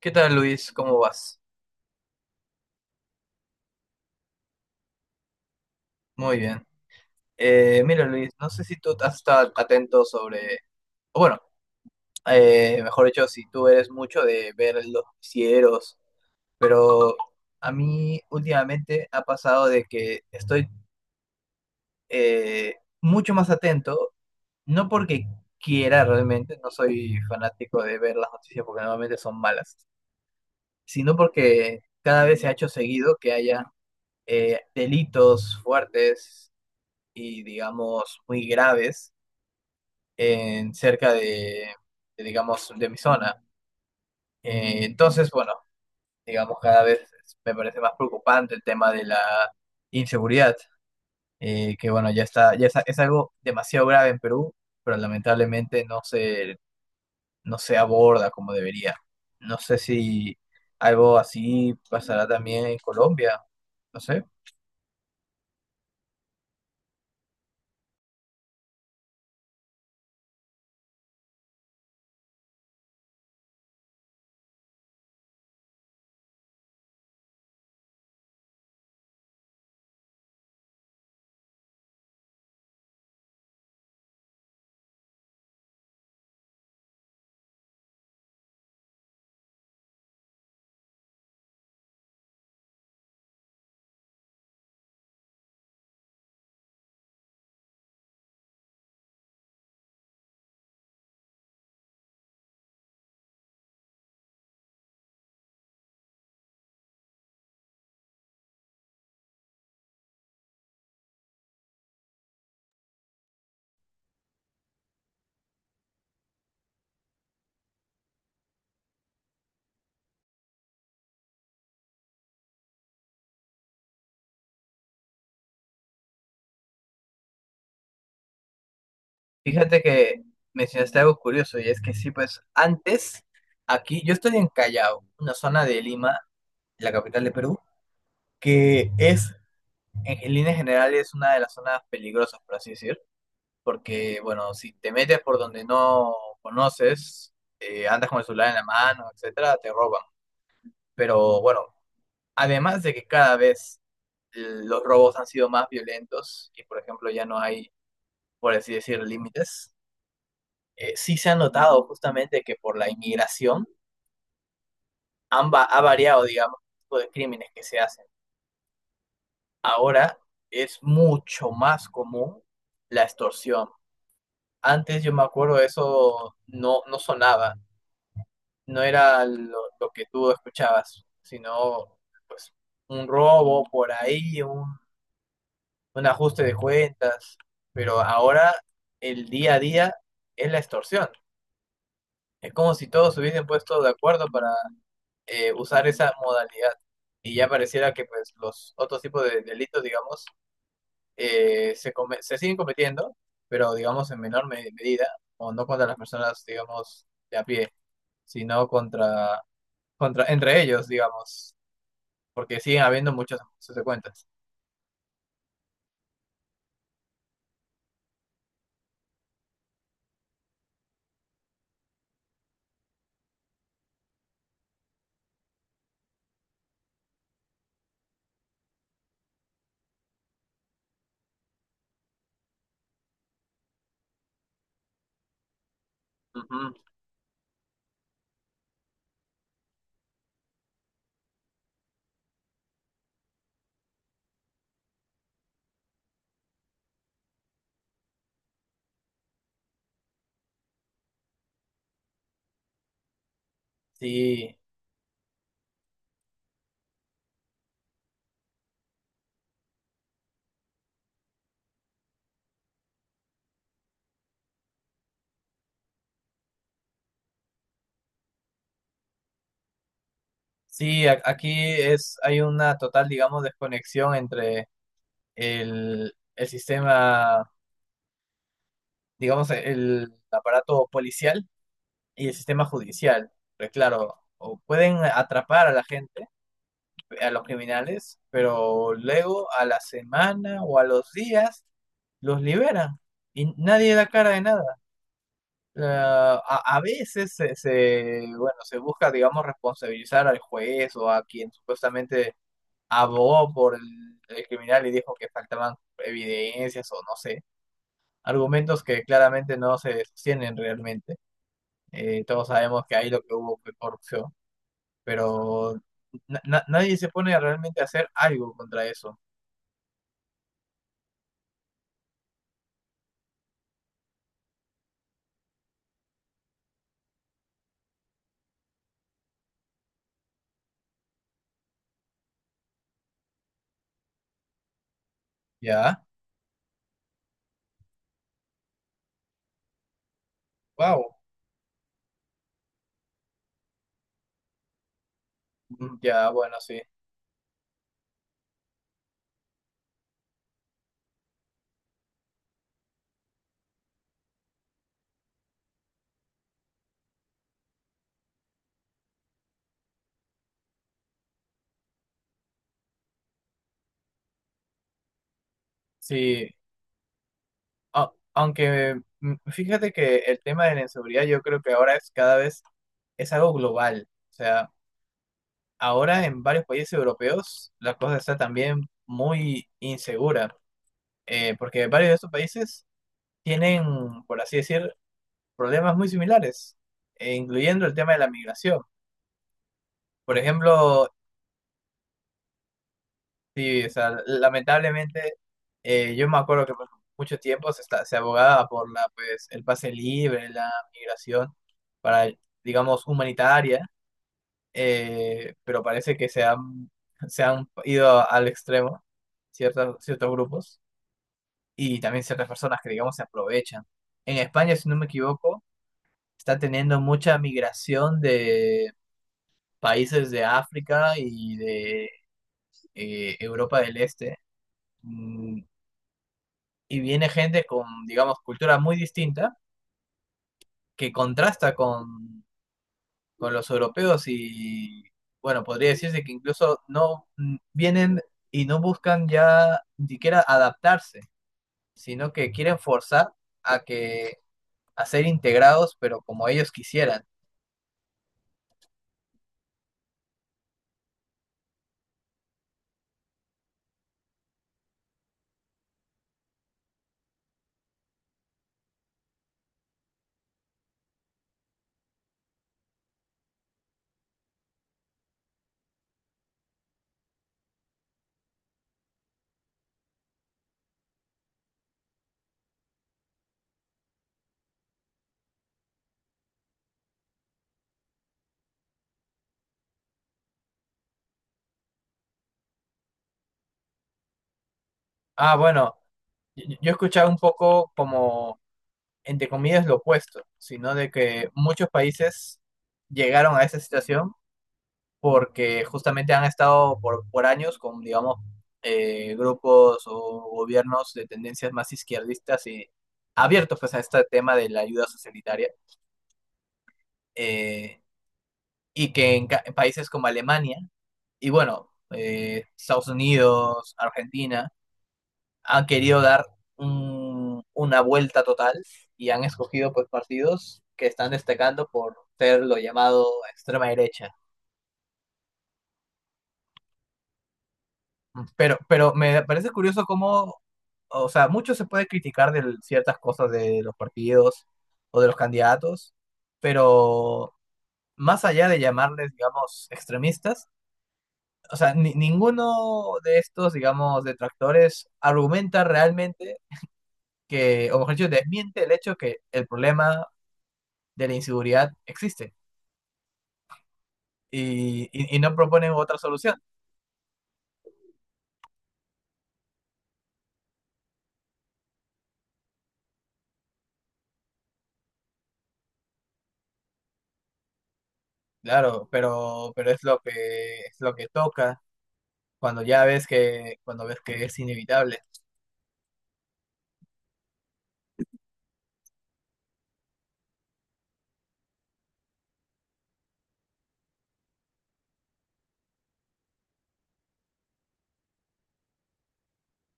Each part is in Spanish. ¿Qué tal, Luis? ¿Cómo vas? Muy bien. Mira, Luis, no sé si tú has estado atento sobre, o bueno, mejor dicho, si tú eres mucho de ver los noticieros, pero a mí últimamente ha pasado de que estoy eh, mucho más atento, no porque quiera realmente, no soy fanático de ver las noticias porque normalmente son malas, sino porque cada vez se ha hecho seguido que haya delitos fuertes y digamos muy graves en cerca de, digamos de mi zona. Entonces, bueno, digamos cada vez me parece más preocupante el tema de la inseguridad, que bueno, es algo demasiado grave en Perú, pero lamentablemente no se aborda como debería. No sé si algo así pasará también en Colombia, no sé. Fíjate que mencionaste algo curioso y es que sí, pues antes aquí yo estoy en Callao, una zona de Lima, la capital de Perú, que es en líneas generales una de las zonas peligrosas, por así decir, porque bueno, si te metes por donde no conoces, andas con el celular en la mano, etcétera, te roban. Pero bueno, además de que cada vez los robos han sido más violentos y por ejemplo ya no hay, por así decir, límites, sí se ha notado justamente que por la inmigración ha variado, digamos, el tipo de crímenes que se hacen. Ahora es mucho más común la extorsión. Antes yo me acuerdo eso no sonaba, no era lo que tú escuchabas, sino pues un robo por ahí, un ajuste de cuentas, pero ahora el día a día es la extorsión. Es como si todos se hubiesen puesto de acuerdo para usar esa modalidad. Y ya pareciera que pues los otros tipos de delitos, digamos, eh, se siguen cometiendo, pero digamos en menor medida, o no contra las personas, digamos, de a pie, sino contra, contra entre ellos, digamos, porque siguen habiendo muchas consecuencias. Ujú. Sí, sí, aquí es, hay una total, digamos, desconexión entre el sistema, digamos, el aparato policial y el sistema judicial. Porque, claro, o pueden atrapar a la gente, a los criminales, pero luego a la semana o a los días los liberan y nadie da cara de nada. A veces bueno, se busca, digamos, responsabilizar al juez o a quien supuestamente abogó por el criminal y dijo que faltaban evidencias o no sé, argumentos que claramente no se sostienen realmente. Todos sabemos que ahí lo que hubo fue corrupción, pero nadie se pone a realmente hacer algo contra eso. ¿Ya? Wow. Ya, bueno, sí. Sí. Aunque fíjate que el tema de la inseguridad yo creo que ahora es cada vez es algo global. O sea, ahora en varios países europeos la cosa está también muy insegura, porque varios de estos países tienen, por así decir, problemas muy similares, incluyendo el tema de la migración. Por ejemplo, sí, o sea, lamentablemente yo me acuerdo que por mucho tiempo se abogaba por la, pues, el pase libre, la migración para, digamos, humanitaria, pero parece que se han ido al extremo ciertos grupos y también ciertas personas que, digamos, se aprovechan. En España, si no me equivoco, está teniendo mucha migración de países de África y de Europa del Este. mm, y viene gente con, digamos, cultura muy distinta que contrasta con los europeos y, bueno, podría decirse que incluso no, vienen y no buscan ya ni siquiera adaptarse, sino que quieren forzar a que a ser integrados, pero como ellos quisieran. Ah, bueno, yo he escuchado un poco como, entre comillas, lo opuesto, sino de que muchos países llegaron a esa situación porque justamente han estado por años con, digamos, grupos o gobiernos de tendencias más izquierdistas y abiertos pues, a este tema de la ayuda socialitaria, eh, y que en países como Alemania y bueno, Estados Unidos, Argentina, han querido dar una vuelta total y han escogido pues partidos que están destacando por ser lo llamado extrema derecha. Pero me parece curioso cómo, o sea, mucho se puede criticar de ciertas cosas de los partidos o de los candidatos, pero más allá de llamarles, digamos, extremistas, o sea, ninguno de estos, digamos, detractores argumenta realmente que, o mejor dicho, desmiente el hecho que el problema de la inseguridad existe y, y no proponen otra solución. Claro, pero es lo que toca. Cuando ya ves que, cuando ves que es inevitable.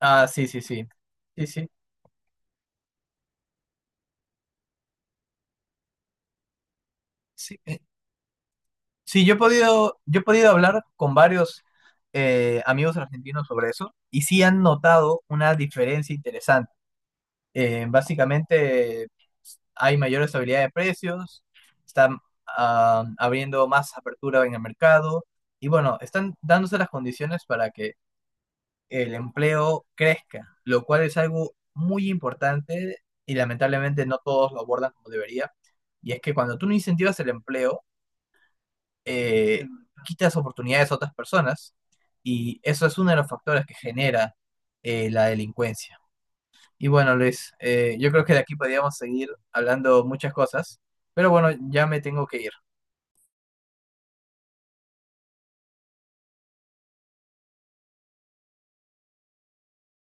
Ah, sí, sí, sí. Sí, sí. Sí, sí, yo he podido hablar con varios amigos argentinos sobre eso y sí han notado una diferencia interesante. Básicamente hay mayor estabilidad de precios, están abriendo más apertura en el mercado y bueno, están dándose las condiciones para que el empleo crezca, lo cual es algo muy importante y lamentablemente no todos lo abordan como debería. Y es que cuando tú no incentivas el empleo, eh, quitas oportunidades a otras personas y eso es uno de los factores que genera la delincuencia. Y bueno, Luis, yo creo que de aquí podríamos seguir hablando muchas cosas, pero bueno, ya me tengo que ir.